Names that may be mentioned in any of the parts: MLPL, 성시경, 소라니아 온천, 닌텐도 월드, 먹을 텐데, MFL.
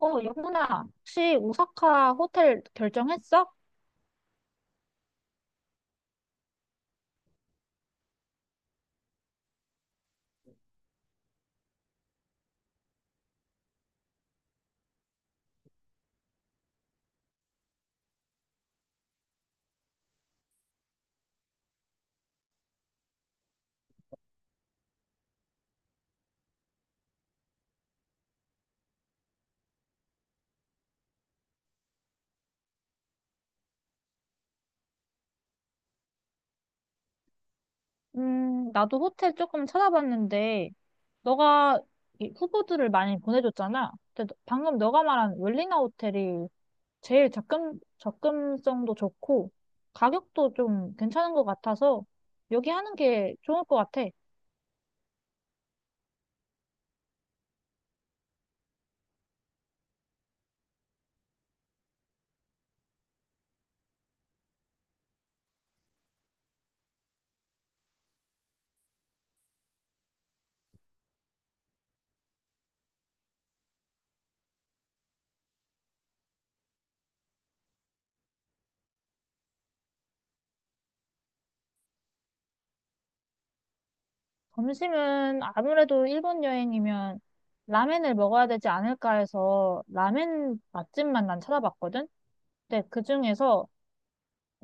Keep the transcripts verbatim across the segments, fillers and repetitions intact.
어, 영훈아, 혹시 오사카 호텔 결정했어? 음, 나도 호텔 조금 찾아봤는데, 너가 이 후보들을 많이 보내줬잖아. 근데 너- 방금 너가 말한 웰리나 호텔이 제일 접근, 접근성도 좋고, 가격도 좀 괜찮은 것 같아서, 여기 하는 게 좋을 것 같아. 점심은 아무래도 일본 여행이면 라멘을 먹어야 되지 않을까 해서, 라멘 맛집만 난 찾아봤거든? 근데 그 중에서,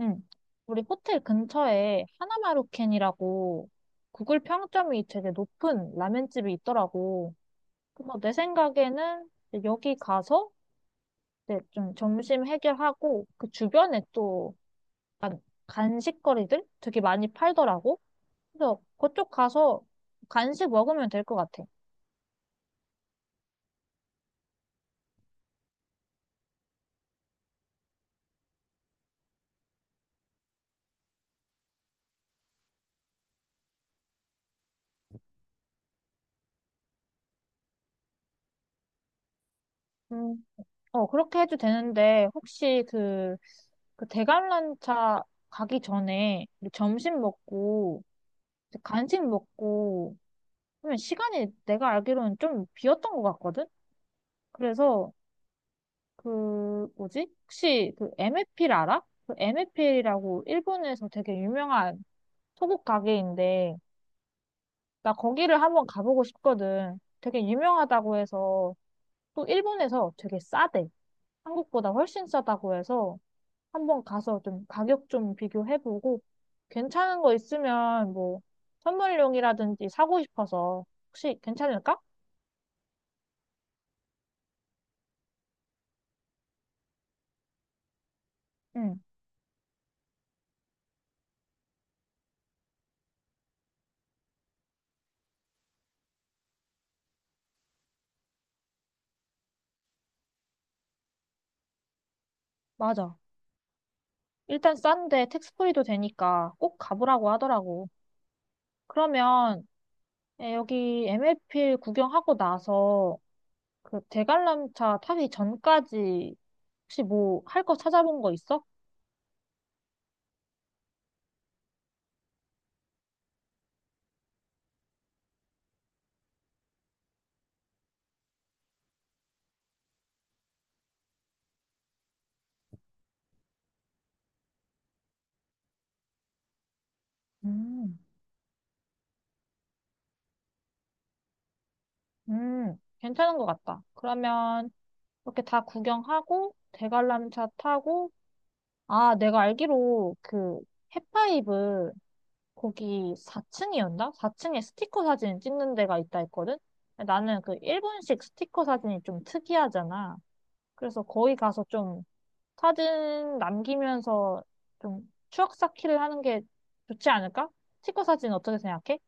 응, 우리 호텔 근처에 하나마루켄이라고 구글 평점이 되게 높은 라면집이 있더라고. 그래서 내 생각에는 이제 여기 가서 이제 좀 점심 해결하고 그 주변에 또 약간 간식거리들 되게 많이 팔더라고. 그래서 그쪽 가서 간식 먹으면 될 것 같아. 음, 어, 그렇게 해도 되는데 혹시 그, 그 대관람차 가기 전에 우리 점심 먹고 이제 간식 먹고 그러면 시간이 내가 알기로는 좀 비었던 것 같거든? 그래서 그 뭐지? 혹시 그 엠에프엘 알아? 그 엠에프엘이라고 일본에서 되게 유명한 소국 가게인데 나 거기를 한번 가보고 싶거든. 되게 유명하다고 해서 또 일본에서 되게 싸대. 한국보다 훨씬 싸다고 해서 한번 가서 좀 가격 좀 비교해보고 괜찮은 거 있으면 뭐 선물용이라든지 사고 싶어서 혹시 괜찮을까? 응, 맞아. 일단 싼데 택스프리도 되니까 꼭 가보라고 하더라고. 그러면 에, 여기 엠엘피엘 구경하고 나서 그 대관람차 타기 전까지 혹시 뭐 할 거 찾아본 거 있어? 음, 음, 괜찮은 것 같다. 그러면 이렇게 다 구경하고 대관람차 타고 아, 내가 알기로 그해파이브 거기 사 층이었나? 사 층에 스티커 사진 찍는 데가 있다 했거든? 나는 그 일본식 스티커 사진이 좀 특이하잖아. 그래서 거기 가서 좀 사진 남기면서 좀 추억 쌓기를 하는 게 좋지 않을까? 스티커 사진 어떻게 생각해?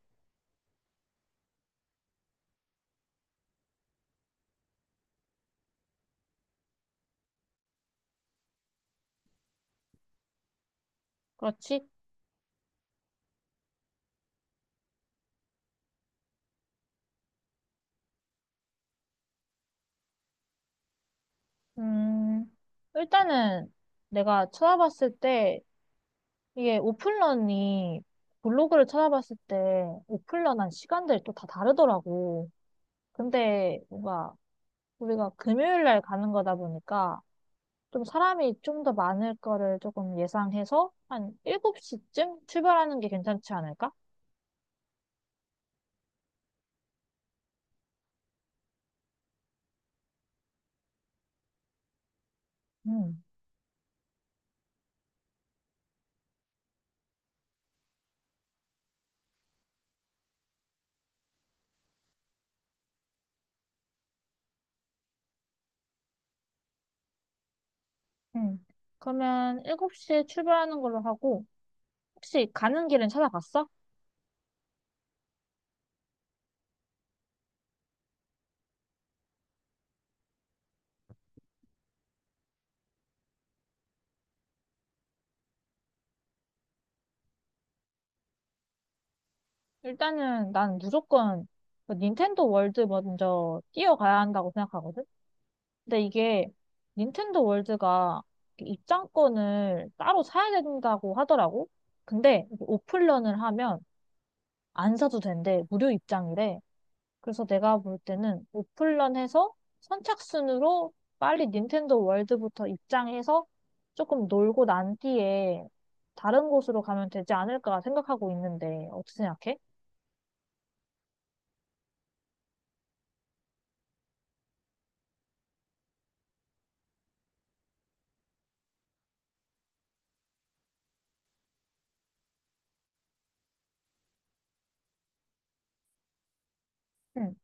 그렇지? 음, 일단은 내가 찾아봤을 때 이게 오픈런이 블로그를 찾아봤을 때 오픈런한 시간들이 또 다 다르더라고. 근데 뭔가 우리가 금요일 날 가는 거다 보니까 좀 사람이 좀 더 많을 거를 조금 예상해서 한 일곱 시쯤 출발하는 게 괜찮지 않을까? 음, 음. 그러면 일곱 시에 출발하는 걸로 하고 혹시 가는 길은 찾아봤어? 일단은 난 무조건 그 닌텐도 월드 먼저 뛰어가야 한다고 생각하거든? 근데 이게 닌텐도 월드가 입장권을 따로 사야 된다고 하더라고. 근데 이게 오픈런을 하면 안 사도 된대. 무료 입장이래. 그래서 내가 볼 때는 오픈런 해서 선착순으로 빨리 닌텐도 월드부터 입장해서 조금 놀고 난 뒤에 다른 곳으로 가면 되지 않을까 생각하고 있는데 어떻게 생각해? 응.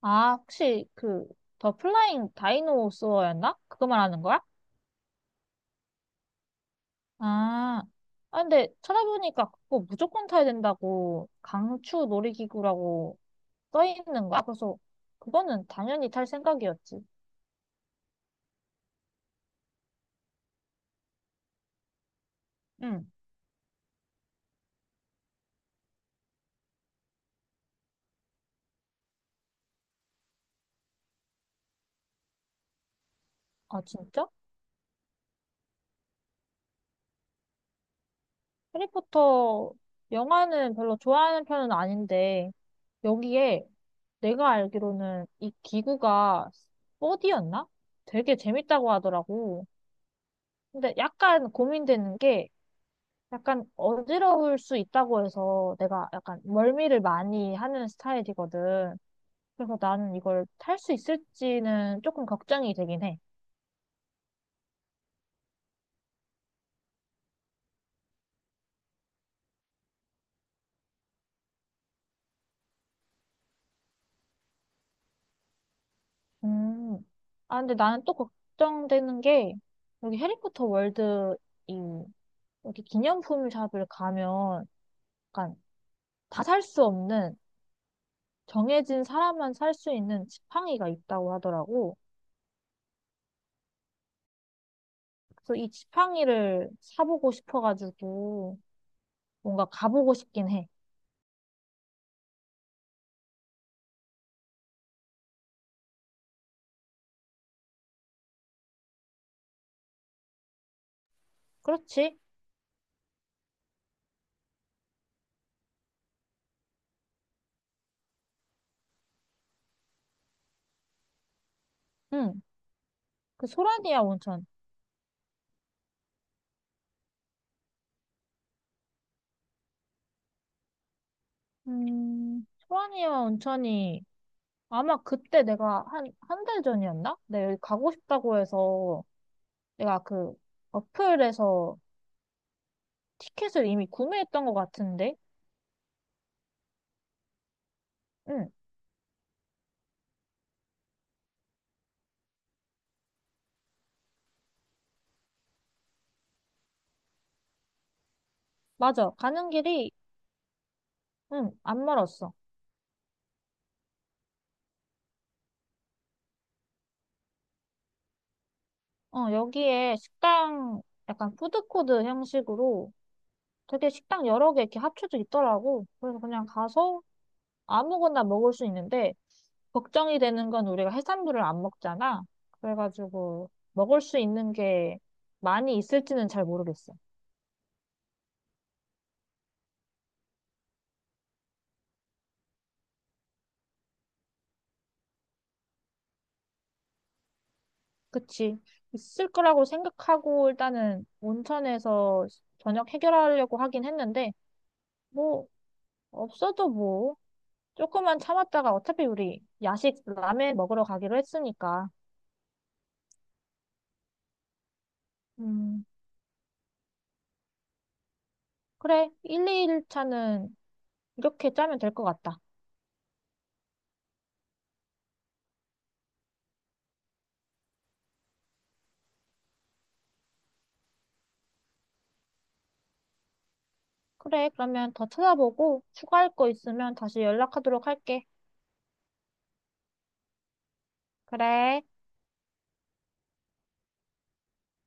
아, 혹시 그 더 플라잉 다이노소어였나? 그거 말하는 거야? 아, 아 근데 찾아보니까 그거 무조건 타야 된다고 강추 놀이기구라고 써 있는 거야. 그래서 그거는 당연히 탈 생각이었지. 응. 아, 진짜? 해리포터 영화는 별로 좋아하는 편은 아닌데, 여기에 내가 알기로는 이 기구가 사디였나 되게 재밌다고 하더라고. 근데 약간 고민되는 게 약간 어지러울 수 있다고 해서 내가 약간 멀미를 많이 하는 스타일이거든. 그래서 나는 이걸 탈 수 있을지는 조금 걱정이 되긴 해. 음. 아, 근데 나는 또 걱정되는 게 여기 해리포터 월드 이 이렇게 기념품 샵을 가면 약간 다 살 수 없는 정해진 사람만 살 수 있는 지팡이가 있다고 하더라고. 그래서 이 지팡이를 사보고 싶어가지고 뭔가 가보고 싶긴 해. 그렇지? 응. 그 소라니아 온천. 음, 소라니아 온천이 아마 그때 내가 한, 한 달 전이었나? 내가 여기 가고 싶다고 해서 내가 그 어플에서 티켓을 이미 구매했던 것 같은데? 응. 맞아. 가는 길이 응, 안 멀었어. 어, 여기에 식당, 약간 푸드코드 형식으로 되게 식당 여러 개 이렇게 합쳐져 있더라고. 그래서 그냥 가서 아무거나 먹을 수 있는데, 걱정이 되는 건 우리가 해산물을 안 먹잖아. 그래가지고 먹을 수 있는 게 많이 있을지는 잘 모르겠어. 그치? 있을 거라고 생각하고 일단은 온천에서 저녁 해결하려고 하긴 했는데, 뭐, 없어도 뭐. 조금만 참았다가 어차피 우리 야식 라멘 먹으러 가기로 했으니까. 음, 그래. 일, 이 일 차는 이렇게 짜면 될 것 같다. 그래. 그러면 더 찾아보고 추가할 거 있으면 다시 연락하도록 할게. 그래.